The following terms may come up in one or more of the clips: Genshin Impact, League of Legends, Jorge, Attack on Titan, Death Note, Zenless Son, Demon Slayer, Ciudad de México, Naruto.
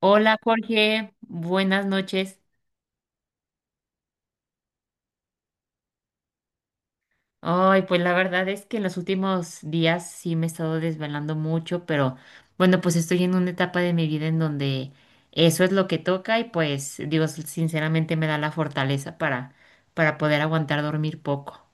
Hola Jorge, buenas noches. Ay, pues la verdad es que en los últimos días sí me he estado desvelando mucho, pero bueno, pues estoy en una etapa de mi vida en donde eso es lo que toca y pues Dios sinceramente me da la fortaleza para poder aguantar dormir poco.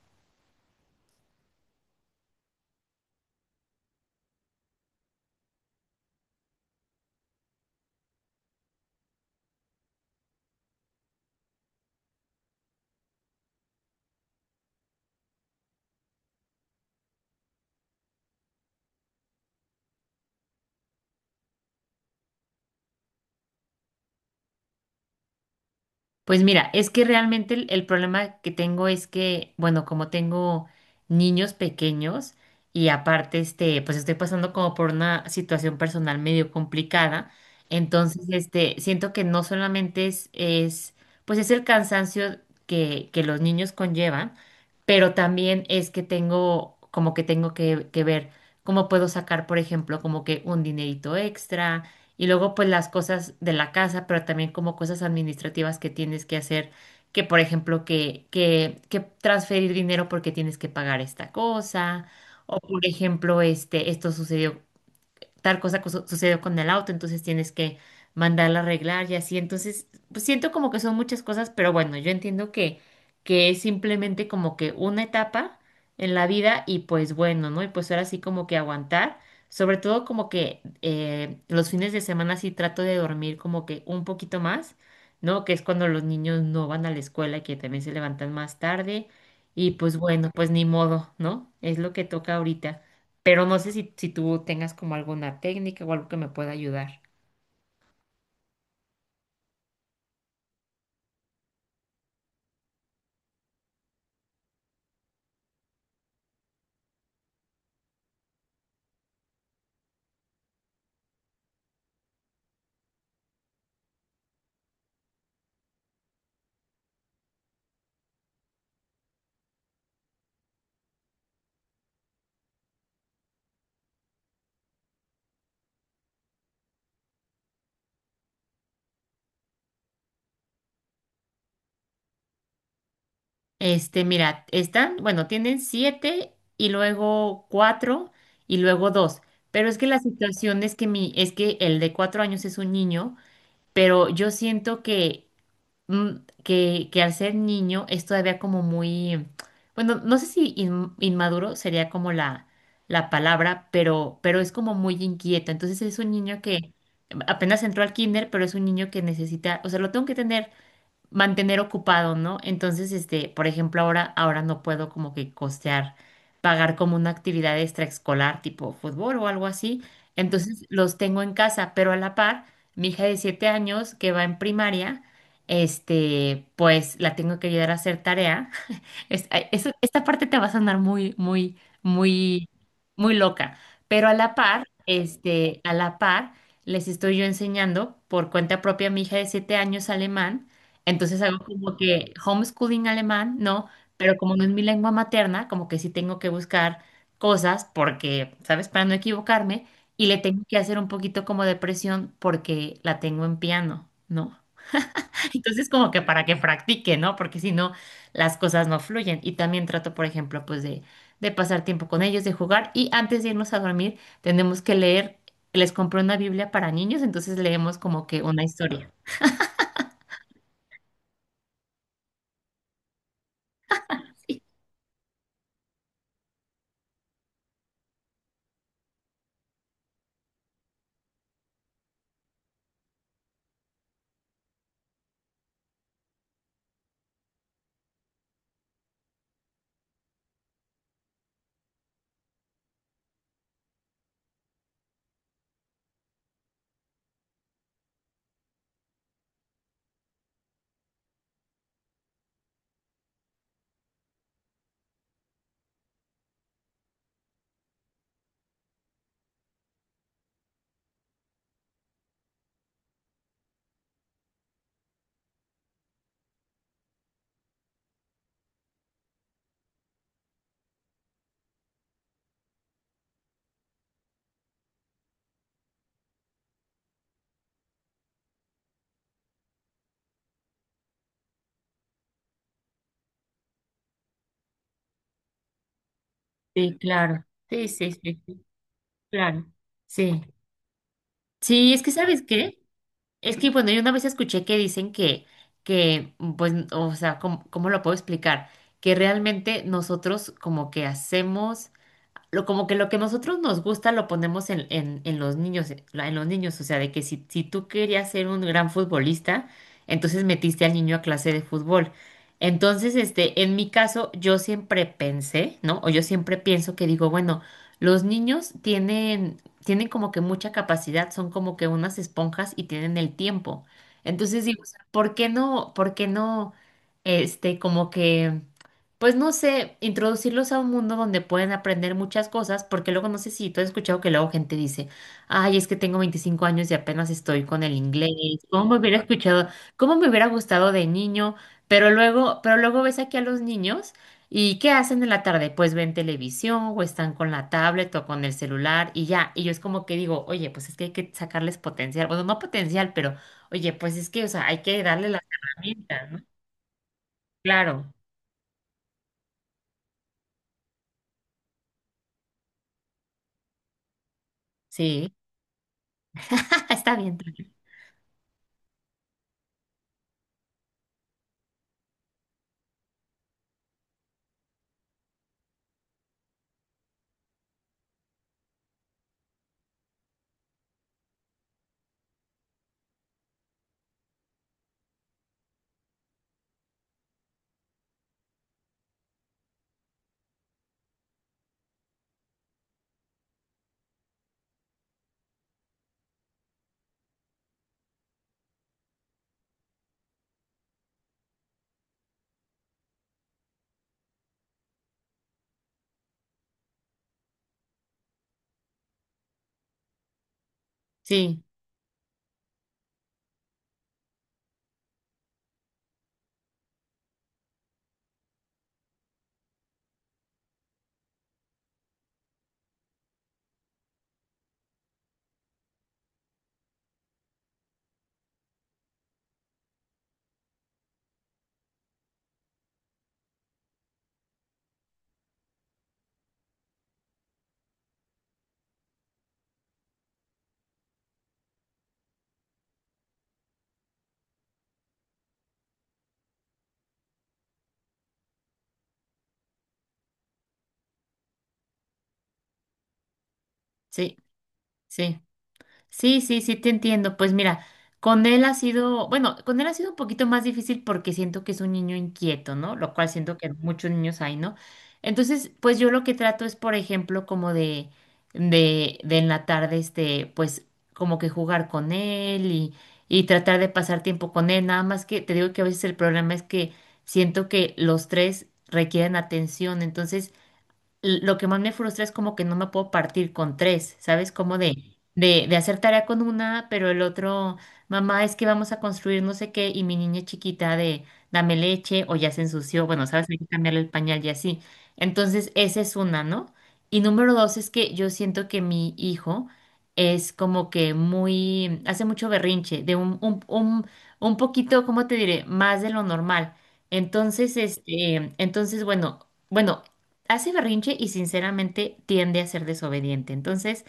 Pues mira, es que realmente el problema que tengo es que, bueno, como tengo niños pequeños y aparte, pues estoy pasando como por una situación personal medio complicada, entonces, siento que no solamente es, pues es el cansancio que los niños conllevan, pero también es que tengo, como que tengo que ver cómo puedo sacar, por ejemplo, como que un dinerito extra y luego pues las cosas de la casa, pero también como cosas administrativas que tienes que hacer, que por ejemplo que transferir dinero porque tienes que pagar esta cosa, o por ejemplo, esto sucedió tal cosa sucedió con el auto, entonces tienes que mandarla a arreglar y así. Entonces, pues siento como que son muchas cosas, pero bueno, yo entiendo que es simplemente como que una etapa en la vida y pues bueno, ¿no? Y pues ahora sí como que aguantar. Sobre todo como que los fines de semana sí trato de dormir como que un poquito más, ¿no? Que es cuando los niños no van a la escuela y que también se levantan más tarde. Y pues bueno, pues ni modo, ¿no? Es lo que toca ahorita, pero no sé si tú tengas como alguna técnica o algo que me pueda ayudar. Mira, están, bueno, tienen 7 y luego 4 y luego 2. Pero es que la situación es que el de 4 años es un niño, pero yo siento que mm, que al ser niño es todavía como muy, bueno, no sé si inmaduro sería como la palabra, pero es como muy inquieto. Entonces es un niño que apenas entró al kinder, pero es un niño que necesita, o sea, lo tengo que tener mantener ocupado, ¿no? Entonces, por ejemplo, ahora no puedo como que costear, pagar como una actividad extraescolar tipo fútbol o algo así. Entonces, los tengo en casa, pero a la par, mi hija de 7 años que va en primaria, pues la tengo que ayudar a hacer tarea. Ay, esta parte te va a sonar muy, muy, muy, muy loca, pero a la par, les estoy yo enseñando por cuenta propia a mi hija de 7 años alemán, entonces hago como que homeschooling alemán, ¿no? Pero como no es mi lengua materna, como que sí tengo que buscar cosas porque, ¿sabes? Para no equivocarme, y le tengo que hacer un poquito como de presión porque la tengo en piano, ¿no? Entonces, como que para que practique, ¿no? Porque si no, las cosas no fluyen. Y también trato, por ejemplo, pues de pasar tiempo con ellos, de jugar. Y antes de irnos a dormir, tenemos que leer. Les compré una Biblia para niños, entonces leemos como que una historia. Sí, sí, claro. Sí, sí, sí, sí, claro. Sí. Sí, es que ¿sabes qué? Es que, bueno, yo una vez escuché que dicen que, pues, o sea, ¿cómo lo puedo explicar? Que realmente nosotros como que hacemos como que lo que nosotros nos gusta lo ponemos en los niños, en los niños, o sea, de que si tú querías ser un gran futbolista, entonces metiste al niño a clase de fútbol. Entonces, en mi caso, yo siempre pensé, ¿no? O yo siempre pienso que digo, bueno, los niños tienen como que mucha capacidad, son como que unas esponjas y tienen el tiempo. Entonces digo, o sea, ¿por qué no, como que pues no sé, introducirlos a un mundo donde pueden aprender muchas cosas, porque luego no sé si tú has escuchado que luego gente dice, ay, es que tengo 25 años y apenas estoy con el inglés, ¿cómo me hubiera escuchado, cómo me hubiera gustado de niño? Pero luego ves aquí a los niños y ¿qué hacen en la tarde? Pues ven televisión o están con la tablet o con el celular y ya, y yo es como que digo, oye, pues es que hay que sacarles potencial, bueno, no potencial, pero oye, pues es que, o sea, hay que darle las herramientas, ¿no? Claro, sí, está bien. Sí, sí, sí. Sí, sí, sí, te entiendo. Pues mira, con él ha sido, bueno, con él ha sido un poquito más difícil porque siento que es un niño inquieto, ¿no? Lo cual siento que muchos niños hay, ¿no? Entonces, pues yo lo que trato es, por ejemplo, como de en la tarde, pues como que jugar con él y tratar de pasar tiempo con él. Nada más que te digo que a veces el problema es que siento que los tres requieren atención. Entonces, lo que más me frustra es como que no me puedo partir con tres, ¿sabes? Como de hacer tarea con una, pero el otro, mamá, es que vamos a construir no sé qué, y mi niña chiquita de, dame leche, o ya se ensució, bueno, ¿sabes? Hay que cambiarle el pañal y así. Entonces, esa es una, ¿no? Y número dos es que yo siento que mi hijo es como que muy, hace mucho berrinche, de un poquito, ¿cómo te diré? Más de lo normal. Entonces, entonces, bueno, bueno, hace berrinche y sinceramente tiende a ser desobediente. Entonces,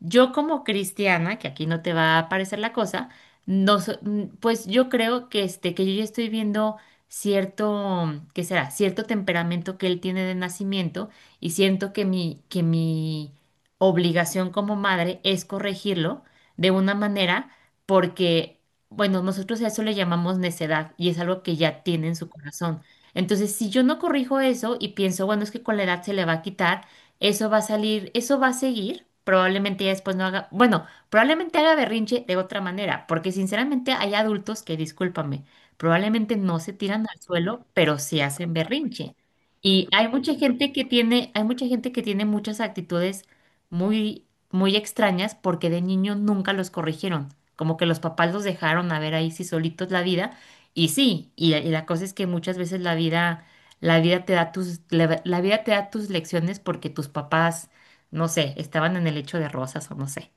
yo como cristiana, que aquí no te va a parecer la cosa, no, pues yo creo que yo ya estoy viendo cierto, ¿qué será? Cierto temperamento que él tiene de nacimiento y siento que que mi obligación como madre es corregirlo de una manera, porque, bueno, nosotros a eso le llamamos necedad y es algo que ya tiene en su corazón. Entonces, si yo no corrijo eso y pienso, bueno, es que con la edad se le va a quitar, eso va a salir, eso va a seguir. Probablemente ya después no haga, bueno, probablemente haga berrinche de otra manera, porque sinceramente hay adultos que, discúlpame, probablemente no se tiran al suelo, pero sí hacen berrinche. Y hay mucha gente que tiene, hay mucha gente que tiene muchas actitudes muy, muy extrañas porque de niño nunca los corrigieron, como que los papás los dejaron a ver ahí sí solitos la vida, y sí, y la cosa es que muchas veces la vida te da tus, la vida te da tus lecciones porque tus papás, no sé, estaban en el lecho de rosas o no sé.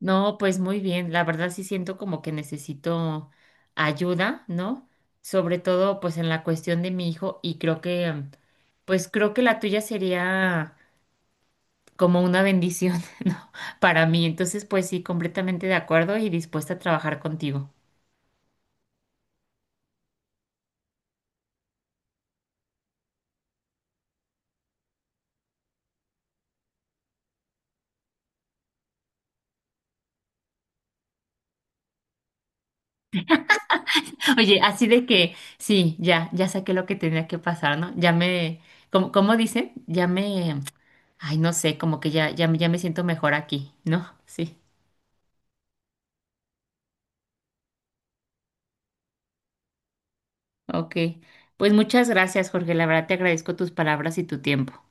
No, pues muy bien, la verdad sí siento como que necesito ayuda, ¿no? Sobre todo pues en la cuestión de mi hijo y creo que, pues creo que la tuya sería como una bendición, ¿no? Para mí, entonces pues sí, completamente de acuerdo y dispuesta a trabajar contigo. Oye, así de que, sí, ya saqué lo que tenía que pasar, ¿no? Ya me, como dicen, ya me, ay, no sé, como que ya me siento mejor aquí, ¿no? Sí, ok. Pues muchas gracias, Jorge. La verdad te agradezco tus palabras y tu tiempo.